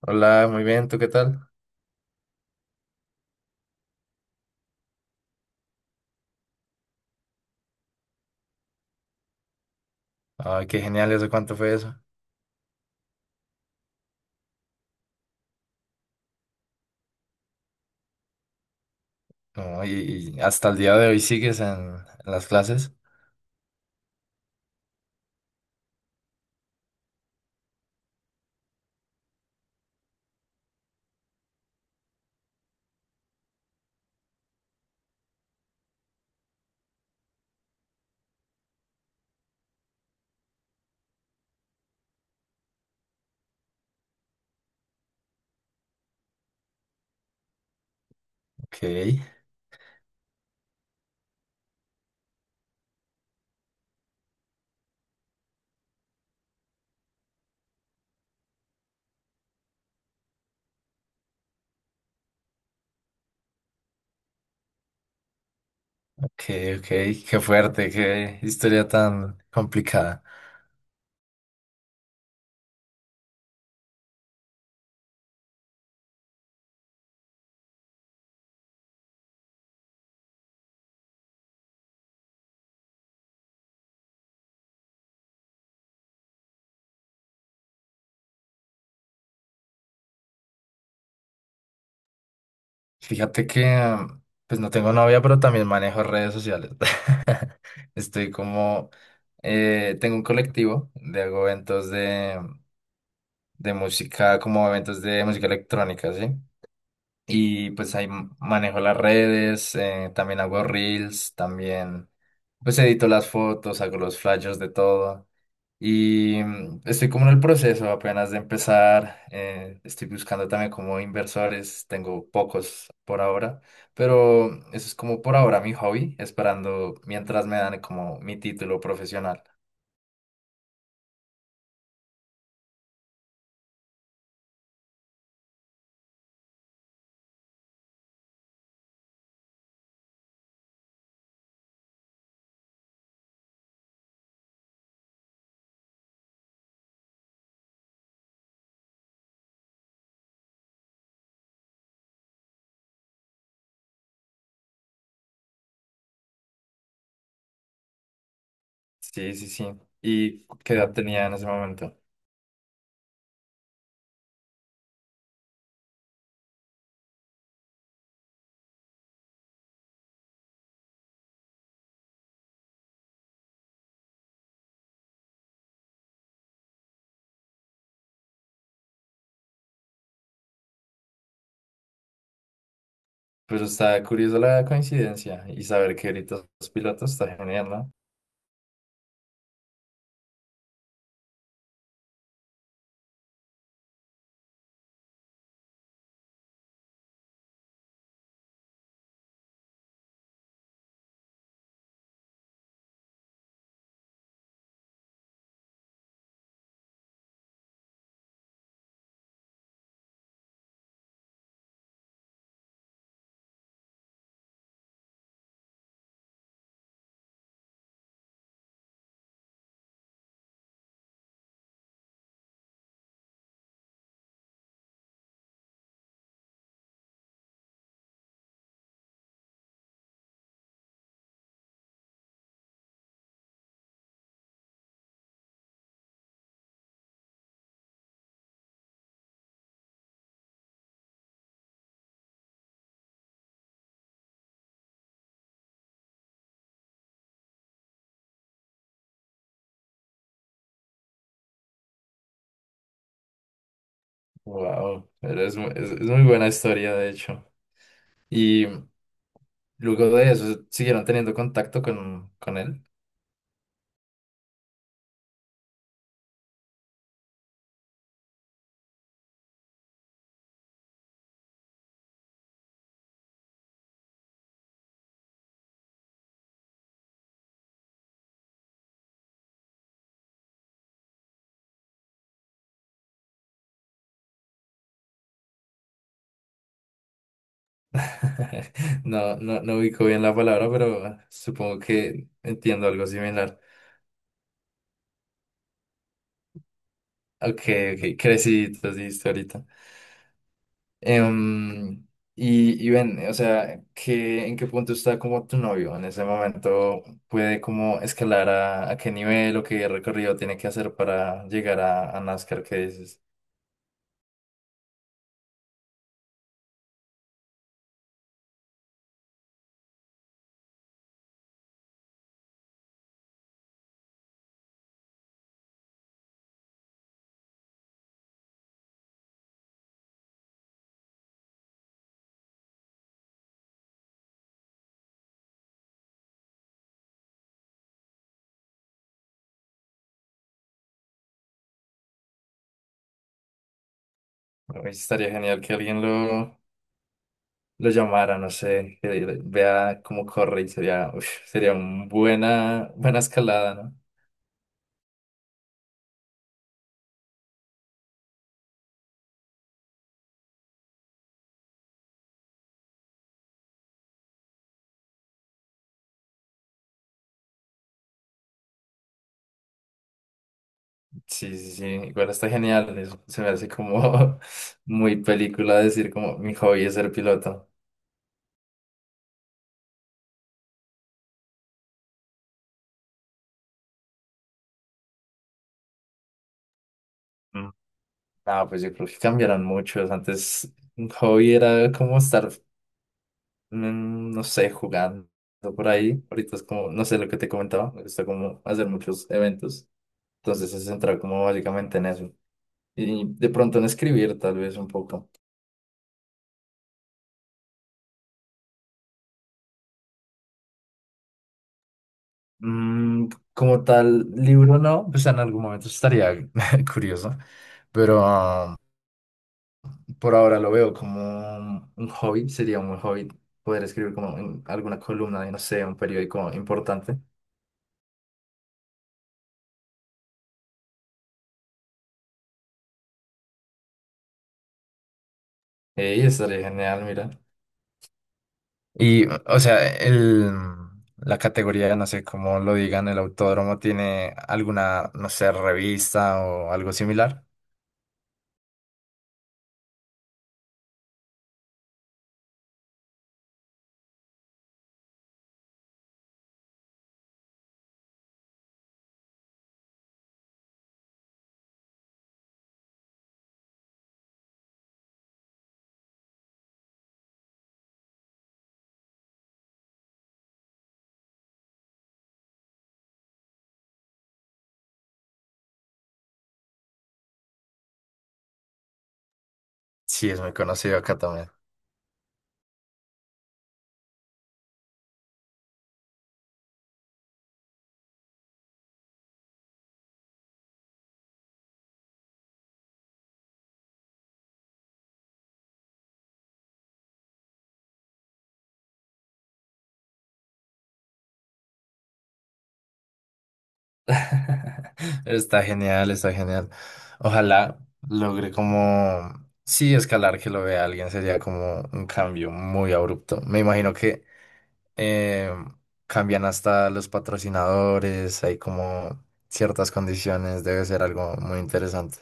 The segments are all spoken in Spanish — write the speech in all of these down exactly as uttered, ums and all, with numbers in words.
Hola, muy bien, ¿tú qué tal? Ay, qué genial, ¿eso cuánto fue eso? No, y, y hasta el día de hoy sigues en, en las clases. Ok, ok, ok, qué fuerte, qué historia tan complicada. Fíjate que, mm, pues no tengo novia, pero también manejo redes sociales. Estoy como, eh, tengo un colectivo de hago eventos de, de música, como eventos de música electrónica, ¿sí? Y pues ahí m- manejo las redes, eh, también hago reels, también pues edito las fotos, hago los flyers de todo. Y mm, estoy como en el proceso apenas de empezar. eh, estoy buscando también como inversores, tengo pocos por ahora, pero mm, eso es como por ahora mi hobby, esperando mientras me dan como mi título profesional. Sí, sí, sí. ¿Y qué edad tenía en ese momento? Pero está curiosa la coincidencia y saber que ahorita sos piloto está genial, no. Wow, pero es, mu- es, es muy buena historia, de hecho. Y luego de eso, ¿siguieron teniendo contacto con, con él? No, no, no ubico bien la palabra, pero supongo que entiendo algo similar. Ok, ok, creciditos, dijiste ahorita. Em, y, y ven, o sea, ¿qué, en qué punto está como tu novio en ese momento? ¿Puede como escalar a, a qué nivel o qué recorrido tiene que hacer para llegar a, a NASCAR? ¿Qué dices? Uy, estaría genial que alguien lo, lo llamara, no sé, que le- vea cómo corre y sería, uf, sería una buena, buena escalada, ¿no? Sí, sí, sí, igual está genial, es- se me hace como muy película decir como mi hobby es ser piloto. Mm. No, pues yo creo que cambiarán muchos, antes un hobby era como estar, mm, no sé, jugando por ahí, ahorita es como, no sé lo que te comentaba, me gusta como hacer muchos eventos, entonces se centra como básicamente en eso. Y de pronto en escribir, tal vez un poco. Mm, como tal, libro no, pues en algún momento estaría curioso, pero ah, por ahora lo veo como un un hobby, sería un buen hobby poder escribir como en alguna columna de, no sé, un periódico importante. Eh, y estaría genial, mira. Y, o sea, el, la categoría, no sé cómo lo digan, el autódromo tiene alguna, no sé, revista o algo similar. Sí, es muy conocido acá. Está genial, está genial. Ojalá logre como, sí, escalar que lo vea alguien sería como un cambio muy abrupto. Me imagino que eh, cambian hasta los patrocinadores, hay como ciertas condiciones, debe ser algo muy interesante.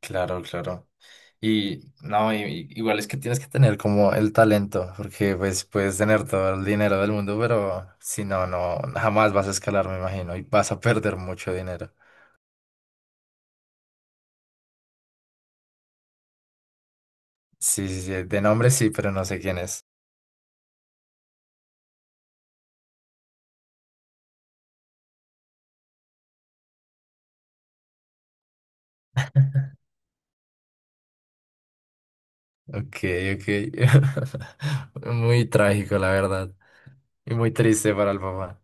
Claro, claro. Y no, y- y igual es que tienes que tener como el talento, porque pues puedes tener todo el dinero del mundo, pero si no, no, jamás vas a escalar, me imagino, y vas a perder mucho dinero. Sí, sí, sí, de nombre sí, pero no sé quién es. Ok, ok. Muy trágico, la verdad. Y muy triste para el papá.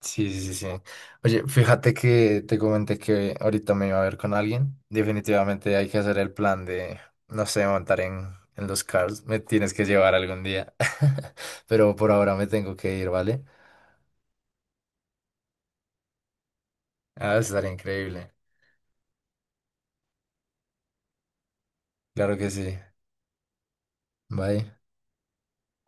Sí, sí, sí. Sí. Oye, fíjate que te comenté que ahorita me iba a ver con alguien. Definitivamente hay que hacer el plan de, no sé, montar en, en los cars. Me tienes que llevar algún día. Pero por ahora me tengo que ir, ¿vale? Ah, estaría increíble. Claro que sí. Bye.